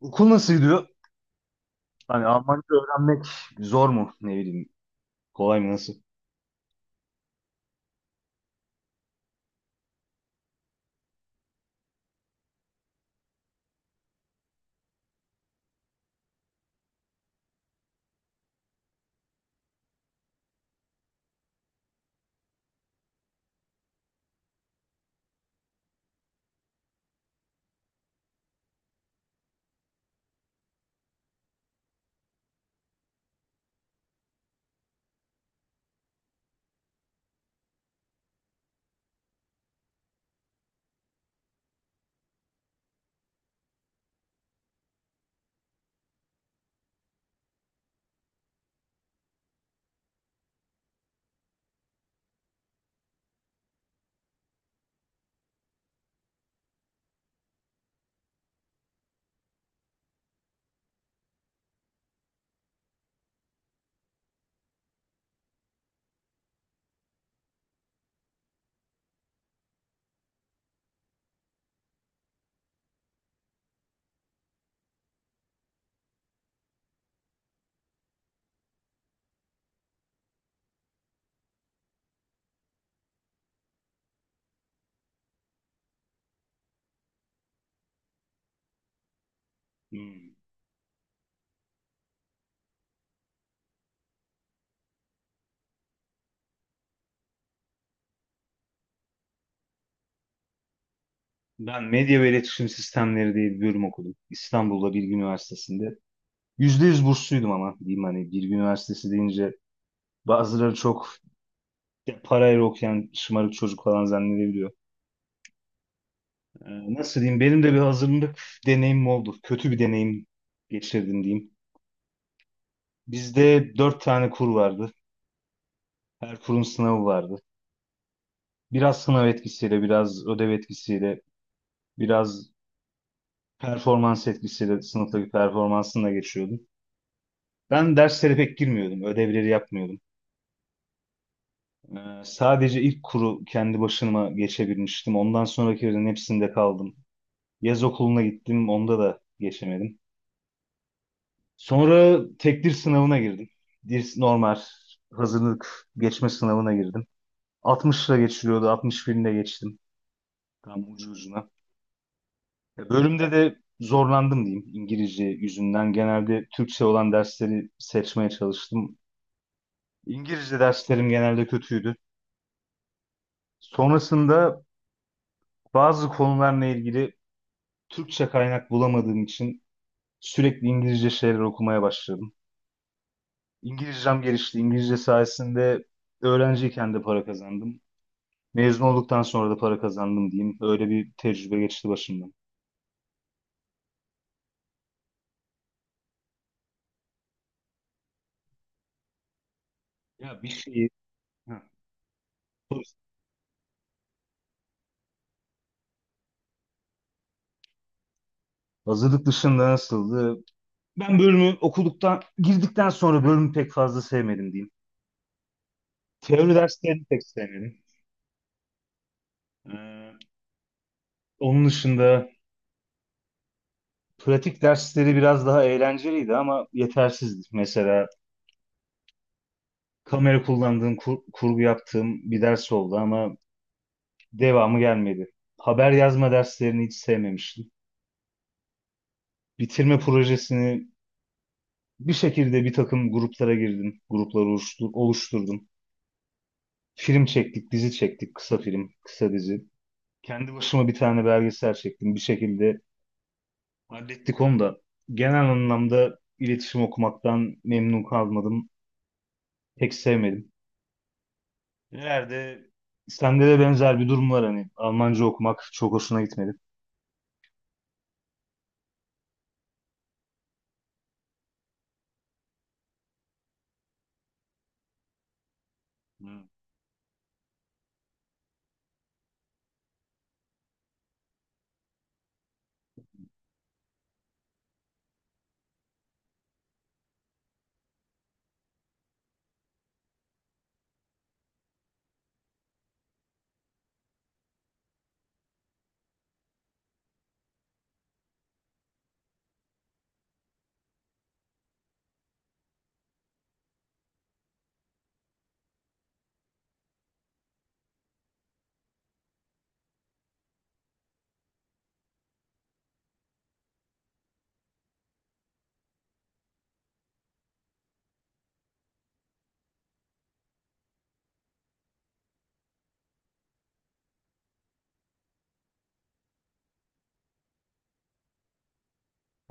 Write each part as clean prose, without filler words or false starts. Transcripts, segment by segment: Okul nasıl gidiyor? Hani Almanca öğrenmek zor mu? Ne bileyim. Kolay mı? Nasıl? Hmm. Ben medya ve iletişim sistemleri diye bir bölüm okudum. İstanbul'da Bilgi Üniversitesi'nde. Yüzde yüz bursluydum ama diyeyim. Hani Bilgi Üniversitesi deyince bazıları çok parayla okuyan şımarık çocuk falan zannedebiliyor. Nasıl diyeyim? Benim de bir hazırlık deneyimim oldu. Kötü bir deneyim geçirdim diyeyim. Bizde dört tane kur vardı. Her kurun sınavı vardı. Biraz sınav etkisiyle, biraz ödev etkisiyle, biraz performans etkisiyle sınıftaki performansını da geçiyordum. Ben derslere pek girmiyordum, ödevleri yapmıyordum. Sadece ilk kuru kendi başıma geçebilmiştim. Ondan sonrakilerin hepsinde kaldım. Yaz okuluna gittim, onda da geçemedim. Sonra tek dil sınavına girdim. Dil normal hazırlık geçme sınavına girdim. 60'la geçiliyordu, 61 ile geçtim. Tam ucu ucuna. Ya, bölümde de zorlandım diyeyim İngilizce yüzünden. Genelde Türkçe olan dersleri seçmeye çalıştım. İngilizce derslerim genelde kötüydü. Sonrasında bazı konularla ilgili Türkçe kaynak bulamadığım için sürekli İngilizce şeyler okumaya başladım. İngilizcem gelişti. İngilizce sayesinde öğrenciyken de para kazandım. Mezun olduktan sonra da para kazandım diyeyim. Öyle bir tecrübe geçti başımdan. Ya bir şeyi. Heh, dur. Hazırlık dışında nasıldı? Ben bölümü okuduktan, girdikten sonra bölümü pek fazla sevmedim diyeyim. Teori derslerini pek sevmedim. Ee, Onun dışında pratik dersleri biraz daha eğlenceliydi ama yetersizdi. Mesela kamera kullandığım, kurgu yaptığım bir ders oldu ama devamı gelmedi. Haber yazma derslerini hiç sevmemiştim. Bitirme projesini bir şekilde bir takım gruplara girdim. Grupları oluşturdum. Film çektik, dizi çektik, kısa film, kısa dizi. Kendi başıma bir tane belgesel çektim. Bir şekilde hallettik onu da. Genel anlamda iletişim okumaktan memnun kalmadım. Pek sevmedim. Nerede? Sende de benzer bir durum var hani. Almanca okumak çok hoşuna gitmedi. Hı.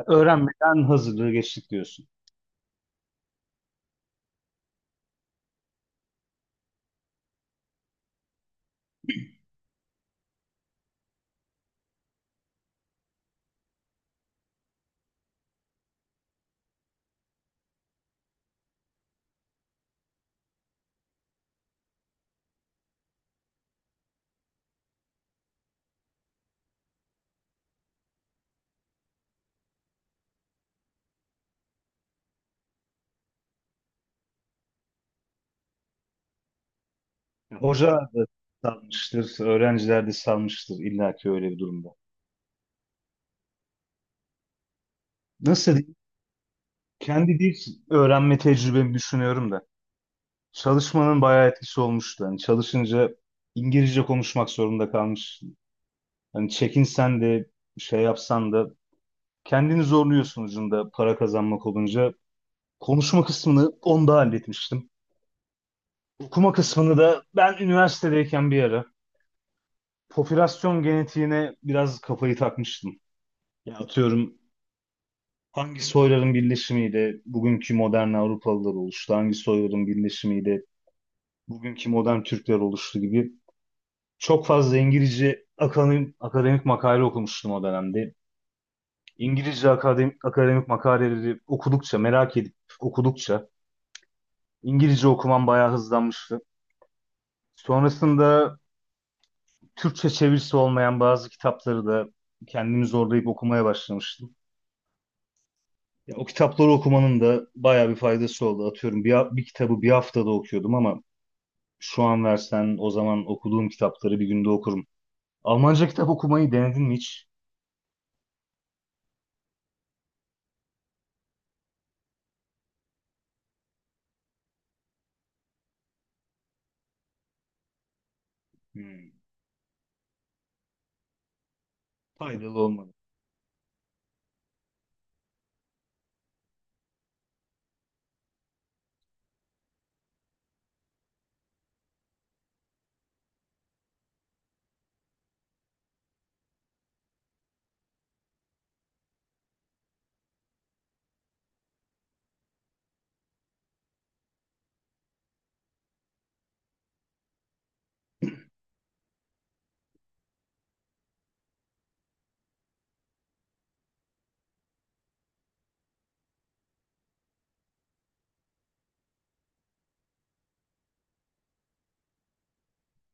Öğrenmeden hazırlığı geçtik diyorsun. Hı. Hoca da salmıştır, öğrenciler de salmıştır illa ki öyle bir durumda. Nasıl diyeyim? Kendi dil öğrenme tecrübemi düşünüyorum da. Çalışmanın bayağı etkisi olmuştu. Hani çalışınca İngilizce konuşmak zorunda kalmıştım. Hani çekinsen de şey yapsan da kendini zorluyorsun ucunda para kazanmak olunca. Konuşma kısmını onda halletmiştim. Okuma kısmını da ben üniversitedeyken bir ara popülasyon genetiğine biraz kafayı takmıştım. Ya atıyorum, hangi soyların birleşimiyle bugünkü modern Avrupalılar oluştu, hangi soyların birleşimiyle bugünkü modern Türkler oluştu gibi çok fazla İngilizce akademik makale okumuştum o dönemde. İngilizce akademik makaleleri okudukça, merak edip okudukça İngilizce okumam bayağı hızlanmıştı. Sonrasında Türkçe çevirisi olmayan bazı kitapları da kendimi zorlayıp okumaya başlamıştım. Ya, o kitapları okumanın da bayağı bir faydası oldu. Atıyorum bir kitabı bir haftada okuyordum ama şu an versen o zaman okuduğum kitapları bir günde okurum. Almanca kitap okumayı denedin mi hiç? Hmm, faydalı olmadı.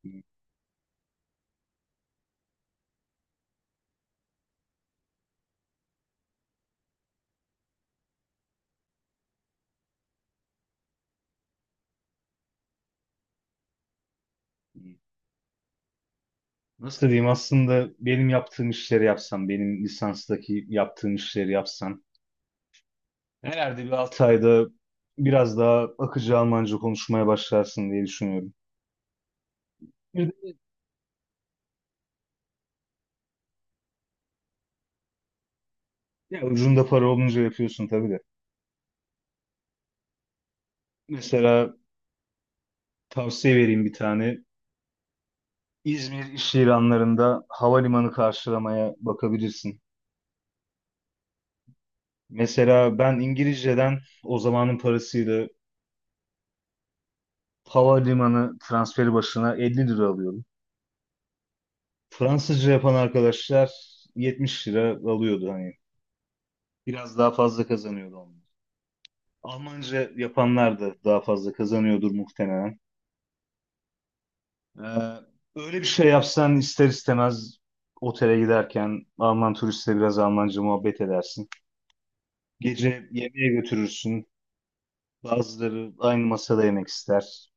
Hmm, hmm. Nasıl diyeyim, aslında benim yaptığım işleri yapsan, benim lisanstaki yaptığım işleri yapsan herhalde bir 6 ayda biraz daha akıcı Almanca konuşmaya başlarsın diye düşünüyorum. Ya ucunda para olunca yapıyorsun tabii de. Mesela tavsiye vereyim bir tane. İzmir iş ilanlarında havalimanı karşılamaya bakabilirsin. Mesela ben İngilizceden o zamanın parasıyla havalimanı transferi başına 50 lira alıyordum. Fransızca yapan arkadaşlar 70 lira alıyordu hani. Biraz daha fazla kazanıyordu onlar. Almanca yapanlar da daha fazla kazanıyordur muhtemelen. Ee, Öyle bir şey yapsan ister istemez otele giderken Alman turistle biraz Almanca muhabbet edersin. Gece yemeğe götürürsün. Bazıları aynı masada yemek ister.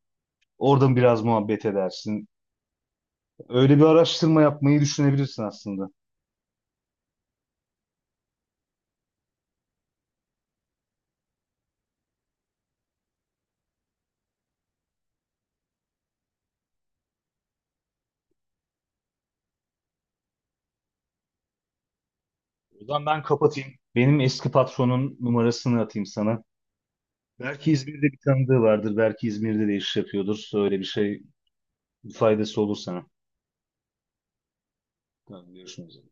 Oradan biraz muhabbet edersin. Öyle bir araştırma yapmayı düşünebilirsin aslında. O zaman ben kapatayım. Benim eski patronun numarasını atayım sana. Belki İzmir'de bir tanıdığı vardır. Belki İzmir'de de iş yapıyordur. Öyle bir şey faydası olur sana. Tamam, görüşmek üzere.